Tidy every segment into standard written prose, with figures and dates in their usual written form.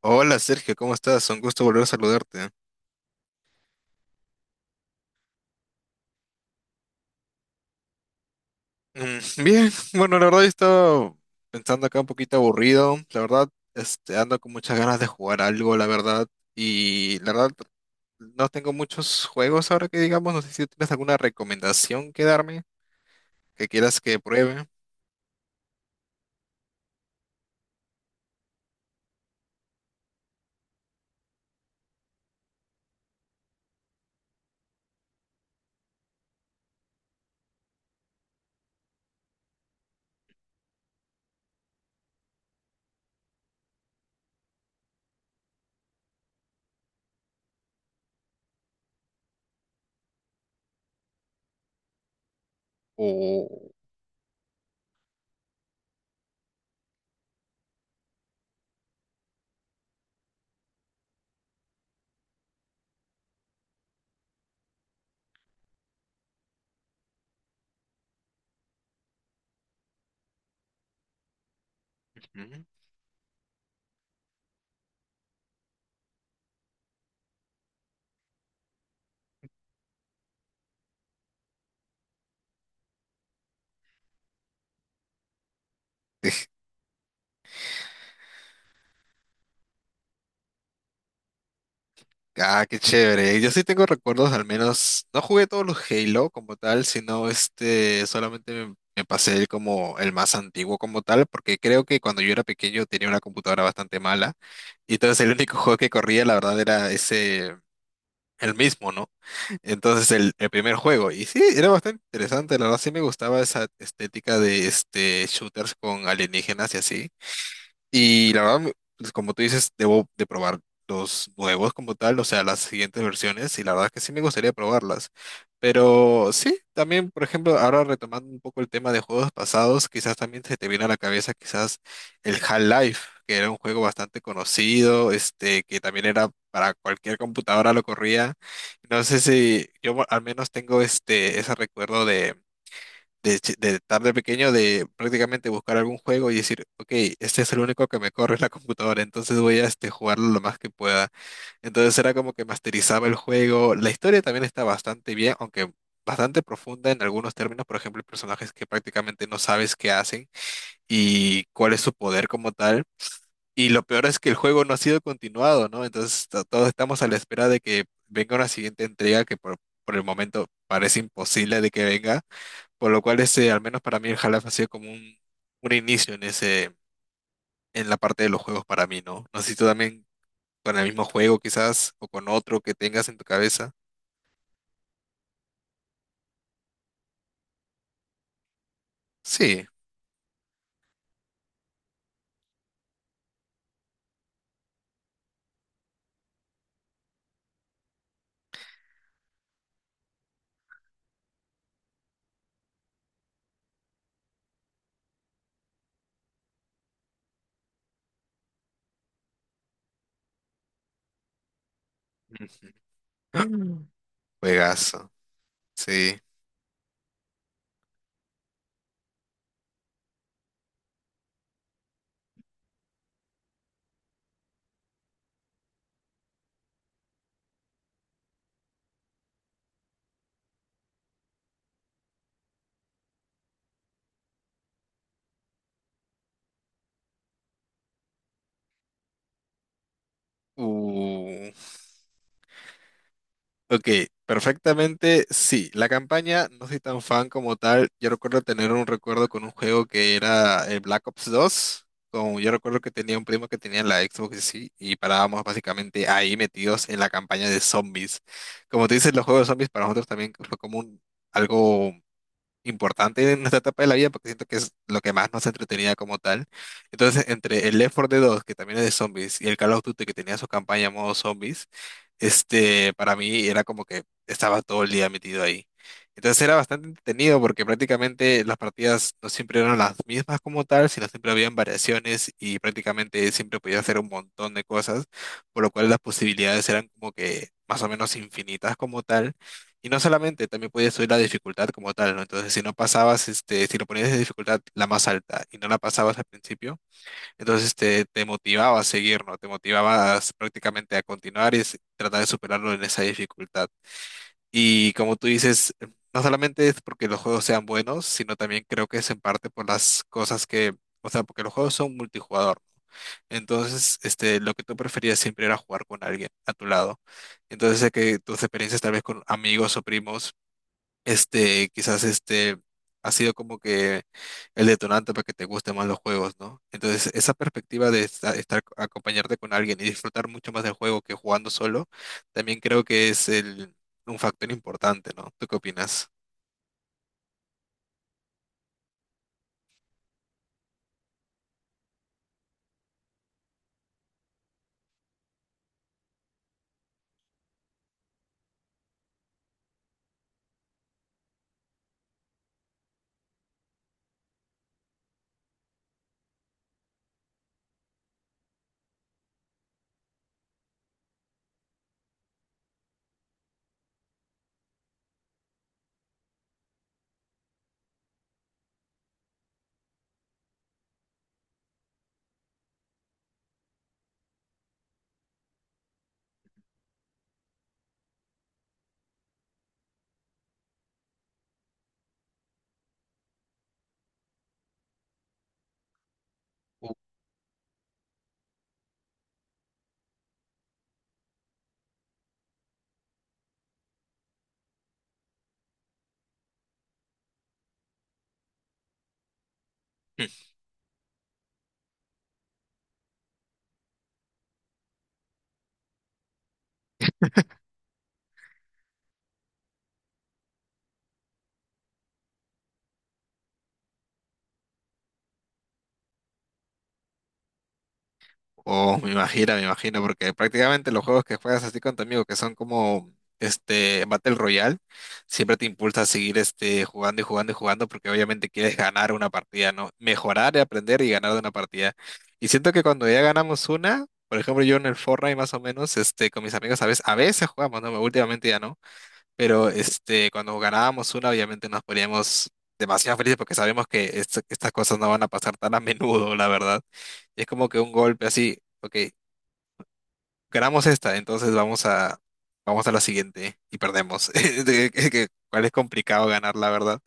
Hola Sergio, ¿cómo estás? Un gusto volver a saludarte. Mm. Bien, bueno, la verdad yo estaba pensando acá un poquito aburrido. La verdad, ando con muchas ganas de jugar algo, la verdad. Y la verdad, no tengo muchos juegos ahora que digamos. No sé si tienes alguna recomendación que darme, que quieras que pruebe. O... mm, Ah, qué chévere. Yo sí tengo recuerdos, al menos, no jugué todos los Halo como tal, sino solamente me pasé el como el más antiguo como tal, porque creo que cuando yo era pequeño tenía una computadora bastante mala, y entonces el único juego que corría, la verdad, era ese, el mismo, ¿no? Entonces el primer juego, y sí, era bastante interesante, la verdad sí me gustaba esa estética de este shooters con alienígenas y así. Y la verdad, pues, como tú dices, debo de probar los nuevos como tal, o sea, las siguientes versiones, y la verdad es que sí me gustaría probarlas. Pero sí, también, por ejemplo, ahora retomando un poco el tema de juegos pasados, quizás también se te viene a la cabeza quizás el Half-Life, que era un juego bastante conocido, que también era para cualquier computadora lo corría. No sé si yo al menos tengo ese recuerdo de de estar de pequeño, de prácticamente buscar algún juego y decir, ok, este es el único que me corre en la computadora, entonces voy a jugarlo lo más que pueda. Entonces era como que masterizaba el juego. La historia también está bastante bien, aunque bastante profunda en algunos términos. Por ejemplo, hay personajes que prácticamente no sabes qué hacen y cuál es su poder como tal. Y lo peor es que el juego no ha sido continuado, ¿no? Entonces todos estamos a la espera de que venga una siguiente entrega por el momento parece imposible de que venga. Por lo cual, ese, al menos para mí, el Half ha sido como un inicio en ese, en la parte de los juegos para mí, ¿no? No sé si tú también con el mismo juego quizás, o con otro que tengas en tu cabeza. Sí. Ujú. Juegazo. Sí. Uh. Ok, perfectamente, sí. La campaña, no soy tan fan como tal. Yo recuerdo tener un recuerdo con un juego que era el Black Ops 2. Como yo recuerdo que tenía un primo que tenía la Xbox y sí, y parábamos básicamente ahí metidos en la campaña de zombies. Como te dices, los juegos de zombies para nosotros también fue como un, algo importante en nuestra etapa de la vida porque siento que es lo que más nos entretenía como tal. Entonces, entre el Left 4 Dead 2, que también es de zombies, y el Call of Duty, que tenía su campaña modo zombies, para mí era como que estaba todo el día metido ahí. Entonces era bastante entretenido porque prácticamente las partidas no siempre eran las mismas como tal, sino siempre habían variaciones y prácticamente siempre podía hacer un montón de cosas, por lo cual las posibilidades eran como que más o menos infinitas como tal. Y no solamente, también podías subir la dificultad como tal, ¿no? Entonces, si no pasabas, si lo ponías de dificultad la más alta y no la pasabas al principio, entonces te motivaba a seguir, ¿no? Te motivabas prácticamente a continuar y tratar de superarlo en esa dificultad. Y como tú dices, no solamente es porque los juegos sean buenos, sino también creo que es en parte por las cosas que, o sea, porque los juegos son multijugador, ¿no? Entonces, lo que tú preferías siempre era jugar con alguien a tu lado. Entonces, sé que tus experiencias tal vez con amigos o primos este, quizás este ha sido como que el detonante para que te gusten más los juegos, ¿no? Entonces, esa perspectiva de estar, acompañarte con alguien y disfrutar mucho más del juego que jugando solo, también creo que es el, un factor importante, ¿no? ¿Tú qué opinas? Oh, me imagino, porque prácticamente los juegos que juegas así con tu amigo, que son como este Battle Royale, siempre te impulsa a seguir jugando y jugando y jugando, porque obviamente quieres ganar una partida, ¿no? Mejorar, y aprender y ganar de una partida. Y siento que cuando ya ganamos una, por ejemplo, yo en el Fortnite más o menos, con mis amigos a veces jugamos, ¿no? Últimamente ya no. Pero cuando ganábamos una, obviamente nos poníamos demasiado felices porque sabemos que estas cosas no van a pasar tan a menudo, la verdad. Es como que un golpe así, ok, ganamos esta, entonces vamos a, vamos a la siguiente y perdemos. Cuál es complicado ganar, la verdad.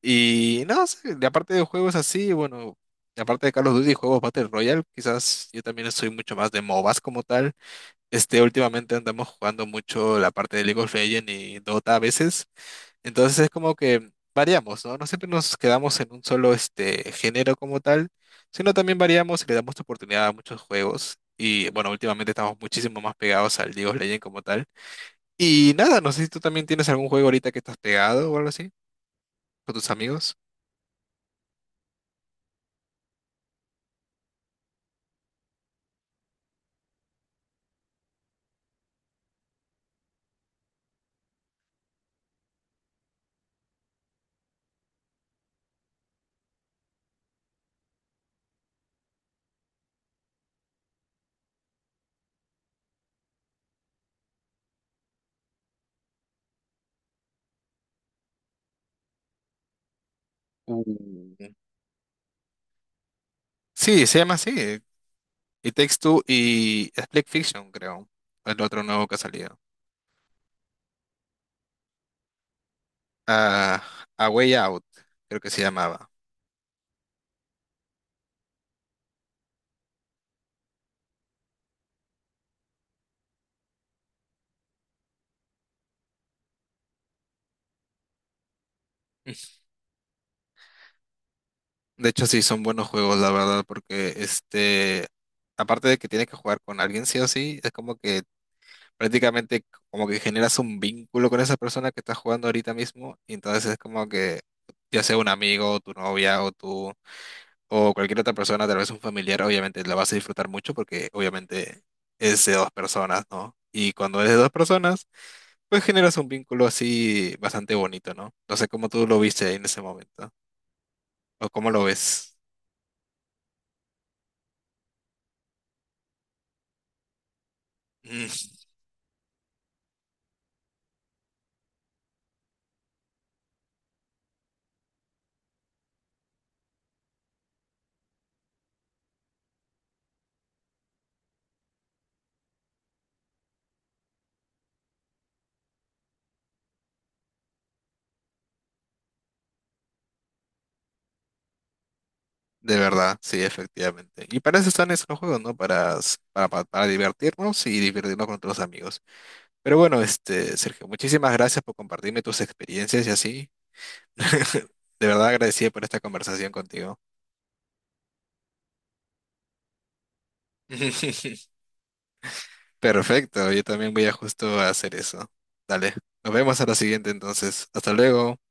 Y no sé, de aparte de juegos así, bueno, de aparte de Call of Duty y juegos Battle Royale, quizás yo también soy mucho más de MOBAs como tal. Últimamente andamos jugando mucho la parte de League of Legends y Dota a veces. Entonces es como que variamos, ¿no? No siempre nos quedamos en un solo género como tal, sino también variamos y le damos oportunidad a muchos juegos. Y bueno, últimamente estamos muchísimo más pegados al League of Legends como tal. Y nada, no sé si tú también tienes algún juego ahorita que estás pegado o algo así, con tus amigos. Ujú. Sí, se llama así. Y Takes Two y Split Fiction, creo. El otro nuevo que ha salido. Ah, A Way Out, creo que se llamaba. De hecho, sí, son buenos juegos, la verdad, porque aparte de que tienes que jugar con alguien sí o sí, es como que prácticamente como que generas un vínculo con esa persona que estás jugando ahorita mismo, y entonces es como que ya sea un amigo, tu novia o tú o cualquier otra persona, tal vez un familiar, obviamente la vas a disfrutar mucho porque obviamente es de dos personas, ¿no? Y cuando es de dos personas, pues generas un vínculo así bastante bonito, ¿no? No sé cómo tú lo viste en ese momento o cómo lo ves. De verdad, sí, efectivamente. Y para eso están esos juegos, ¿no? Para, s- para, pa- Para divertirnos y divertirnos con otros amigos. Pero bueno, Sergio, muchísimas gracias por compartirme tus experiencias y así. De verdad agradecido por esta conversación contigo. Perfecto, yo también voy a justo a hacer eso. Dale, nos vemos a la siguiente entonces. Hasta luego.